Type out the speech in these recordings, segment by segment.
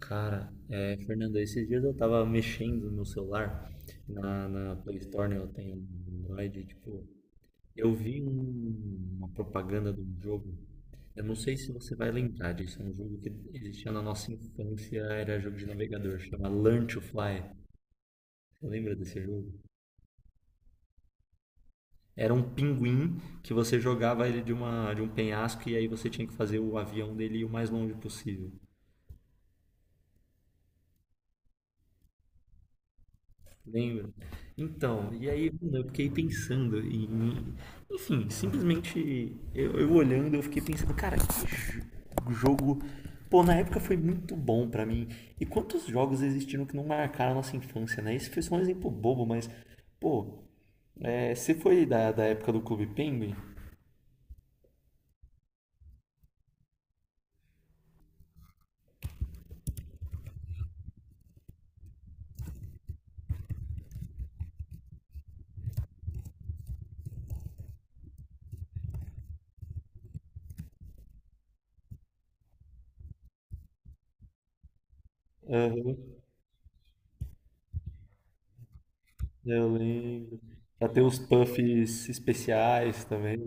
Cara, Fernando, esses dias eu tava mexendo no celular, na Play Store, né, eu tenho um Android, e, tipo, eu vi uma propaganda de um jogo, eu não sei se você vai lembrar disso, é um jogo que existia na nossa infância, era jogo de navegador, chama Learn to Fly, você lembra desse jogo? Era um pinguim que você jogava ele de uma, de um penhasco e aí você tinha que fazer o avião dele ir o mais longe possível. Lembro. Então, e aí, mano, eu fiquei pensando em. Enfim, simplesmente eu olhando, eu fiquei pensando, cara, que jogo. Pô, na época foi muito bom pra mim. E quantos jogos existiram que não marcaram a nossa infância, né? Esse foi só um exemplo bobo, mas. Pô, é, você foi da época do Clube Penguin? Aham, eu lembro. Até os puffs especiais também.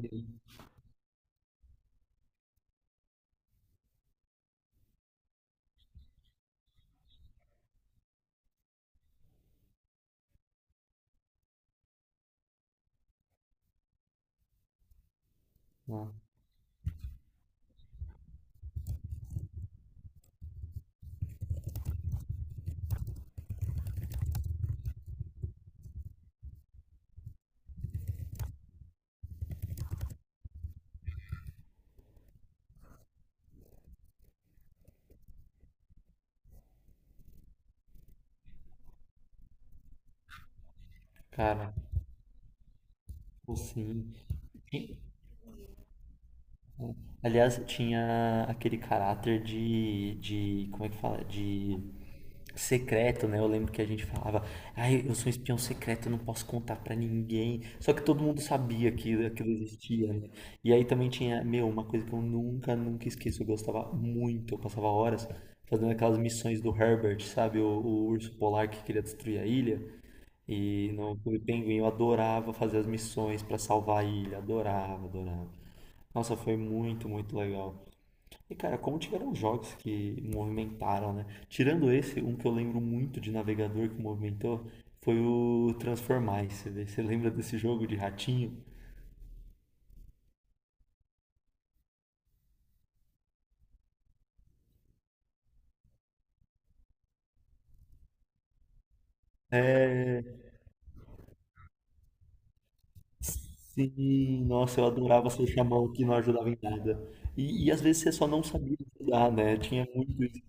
Ah, cara, pô, sim. Aliás, tinha aquele caráter de, como é que fala? De secreto, né? Eu lembro que a gente falava, ai, eu sou um espião secreto, eu não posso contar pra ninguém. Só que todo mundo sabia que aquilo existia, né? E aí também tinha, meu, uma coisa que eu nunca, nunca esqueço, eu gostava muito, eu passava horas fazendo aquelas missões do Herbert, sabe? O urso polar que queria destruir a ilha. E no Clube Penguin eu adorava fazer as missões pra salvar a ilha, adorava, adorava. Nossa, foi muito, muito legal. E cara, como tiveram jogos que movimentaram, né? Tirando esse, um que eu lembro muito de navegador que movimentou foi o Transformice. Né? Você lembra desse jogo de ratinho? É. Sim, nossa, eu adorava ser chamão que não ajudava em nada. E às vezes você só não sabia ajudar, né? Tinha muito isso.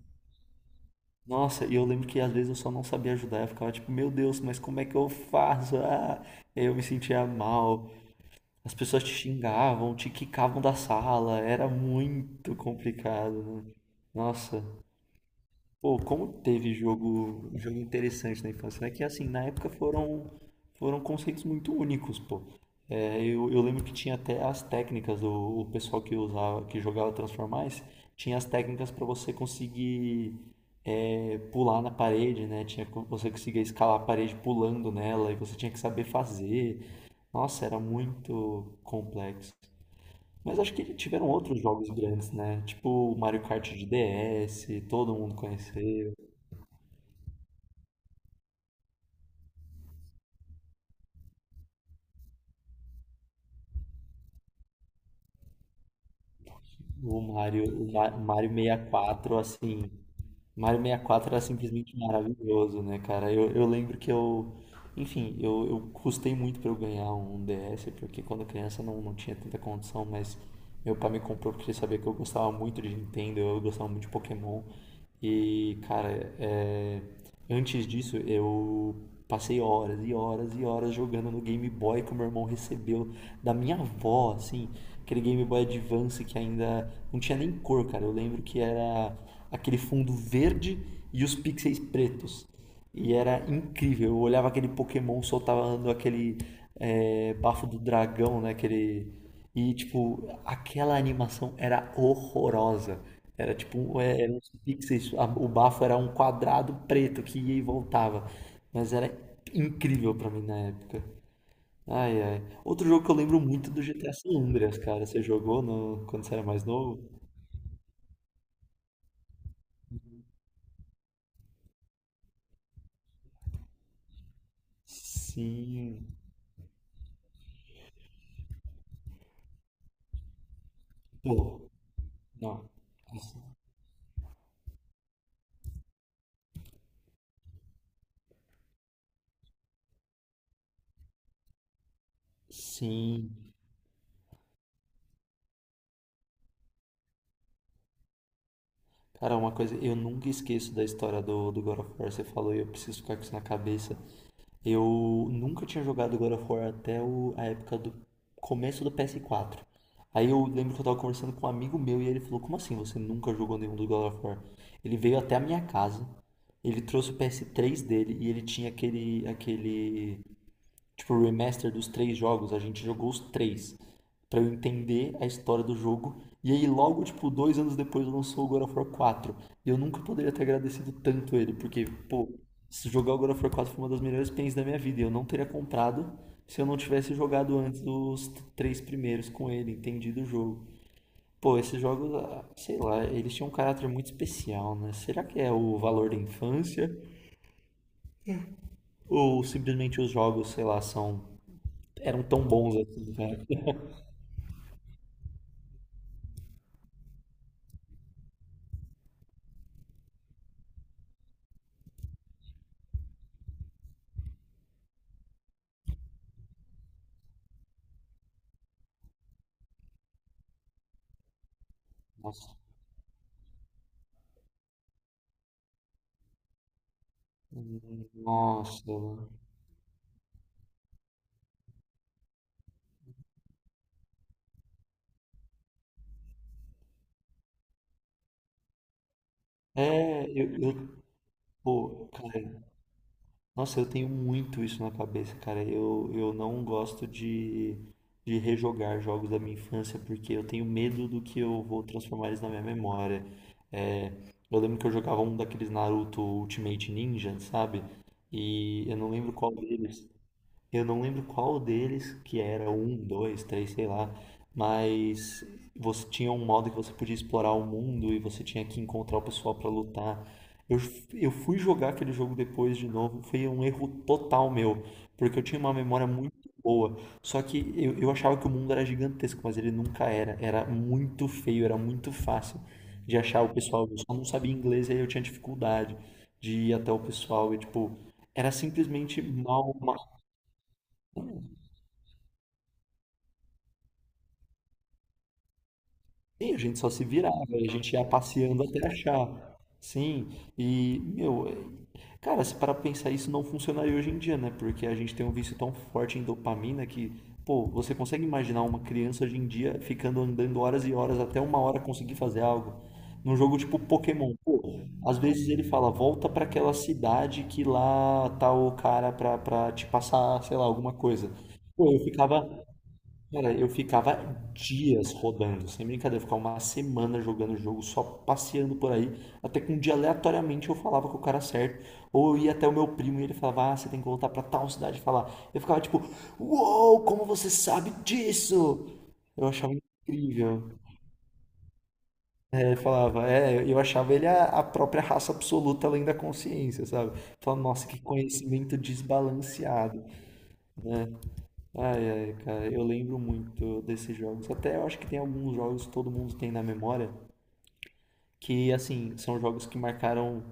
Nossa, e eu lembro que às vezes eu só não sabia ajudar. Eu ficava tipo, meu Deus, mas como é que eu faço? Ah, eu me sentia mal. As pessoas te xingavam, te quicavam da sala, era muito complicado, né? Nossa, pô, como teve jogo, jogo interessante na infância, né? Que assim, na época foram conceitos muito únicos, pô. É, eu lembro que tinha até as técnicas, o pessoal que usava, que jogava Transformice, tinha as técnicas para você conseguir pular na parede, né? Tinha você conseguia escalar a parede pulando nela e você tinha que saber fazer. Nossa, era muito complexo. Mas acho que tiveram outros jogos grandes, né? Tipo o Mario Kart de DS, todo mundo conheceu. O Mario, Mario 64, assim, Mario sessenta e quatro era simplesmente maravilhoso, né, cara? Eu lembro que eu. Enfim, eu custei muito pra eu ganhar um DS, porque quando criança não, não tinha tanta condição, mas meu pai me comprou porque ele sabia que eu gostava muito de Nintendo, eu gostava muito de Pokémon. E, cara, é, antes disso eu passei horas e horas e horas jogando no Game Boy que o meu irmão recebeu da minha avó, assim, aquele Game Boy Advance que ainda não tinha nem cor, cara. Eu lembro que era aquele fundo verde e os pixels pretos. E era incrível. Eu olhava aquele Pokémon soltando aquele bafo do dragão, né? Aquele… E, tipo, aquela animação era horrorosa. Era tipo, um, é, eram uns pixels, o bafo era um quadrado preto que ia e voltava. Mas era incrível pra mim na época. Ai, ai. Outro jogo que eu lembro muito é do GTA San Andreas, cara. Você jogou no… quando você era mais novo? Sim. Pô, não. Sim. Cara, uma coisa, eu nunca esqueço da história do God of War. Você falou e eu preciso ficar com isso na cabeça. Eu nunca tinha jogado God of War até a época do começo do ps quatro. Aí eu lembro que eu tava conversando com um amigo meu e ele falou: como assim você nunca jogou nenhum do God of War? Ele veio até a minha casa, ele trouxe o ps três dele e ele tinha aquele tipo, o remaster dos três jogos, a gente jogou os três. Pra eu entender a história do jogo. E aí, logo, tipo, dois anos depois lançou o God of War quatro. E eu nunca poderia ter agradecido tanto ele, porque, pô, se jogar o God of War 4 foi uma das melhores pens da minha vida. E eu não teria comprado se eu não tivesse jogado antes os três primeiros com ele, entendido o jogo. Pô, esses jogos, ah, sei lá, eles tinham um caráter muito especial, né? Será que é o valor da infância? Ou simplesmente os jogos, sei lá, são. Eram tão bons assim, cara? Nossa, nossa, mano. É, pô, cara, nossa, eu tenho muito isso na cabeça, cara. Eu não gosto de rejogar jogos da minha infância porque eu tenho medo do que eu vou transformar eles na minha memória. É, eu lembro que eu jogava um daqueles Naruto Ultimate Ninja, sabe? E eu não lembro qual deles. Eu não lembro qual deles, que era um, dois, três, sei lá, mas você tinha um modo que você podia explorar o mundo e você tinha que encontrar o pessoal pra lutar. Eu, eu fui jogar aquele jogo depois de novo, foi um erro total meu, porque eu tinha uma memória muito boa, só que eu achava que o mundo era gigantesco, mas ele nunca era, era muito feio, era muito fácil de achar o pessoal, eu só não sabia inglês e aí eu tinha dificuldade de ir até o pessoal e tipo, era simplesmente mal. Sim, a gente só se virava, a gente ia passeando até achar. Sim, e, meu, cara, se para pensar, isso não funcionaria hoje em dia, né? Porque a gente tem um vício tão forte em dopamina que, pô, você consegue imaginar uma criança hoje em dia ficando andando horas e horas até uma hora conseguir fazer algo? Num jogo tipo Pokémon, pô, às vezes ele fala, volta pra aquela cidade que lá tá o cara pra te passar, sei lá, alguma coisa. Pô, eu ficava Cara, eu ficava dias rodando, sem brincadeira, eu ficava uma semana jogando o jogo, só passeando por aí, até que um dia aleatoriamente eu falava com o cara certo, ou eu ia até o meu primo e ele falava, ah, você tem que voltar pra tal cidade e falar. Eu ficava tipo, uou, como você sabe disso? Eu achava incrível. É, ele falava, é, eu achava ele a própria raça absoluta além da consciência, sabe? Falava, nossa, que conhecimento desbalanceado. Ai, ai, cara, eu lembro muito desses jogos. Até eu acho que tem alguns jogos que todo mundo tem na memória que, assim, são jogos que marcaram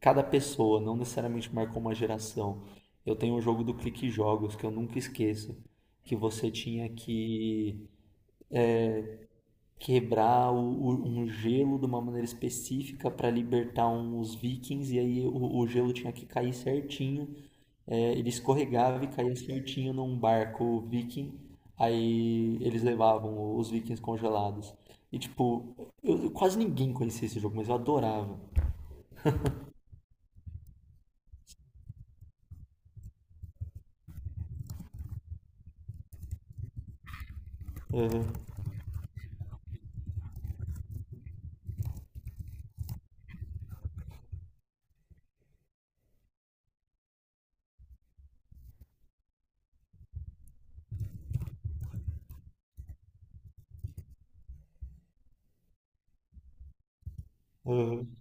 cada pessoa, não necessariamente marcou uma geração. Eu tenho um jogo do Clique Jogos que eu nunca esqueço, que você tinha que quebrar um gelo de uma maneira específica para libertar uns vikings, e aí o gelo tinha que cair certinho. É, ele escorregava e caía certinho num barco viking, aí eles levavam os vikings congelados. E tipo, quase ninguém conhecia esse jogo, mas eu adorava. Aham, aham,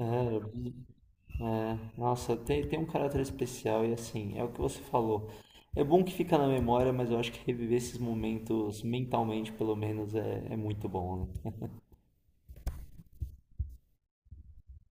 aham. É, nossa, tem, tem um caráter especial e assim, é o que você falou. É bom que fica na memória, mas eu acho que reviver esses momentos mentalmente, pelo menos, é, é muito bom, né?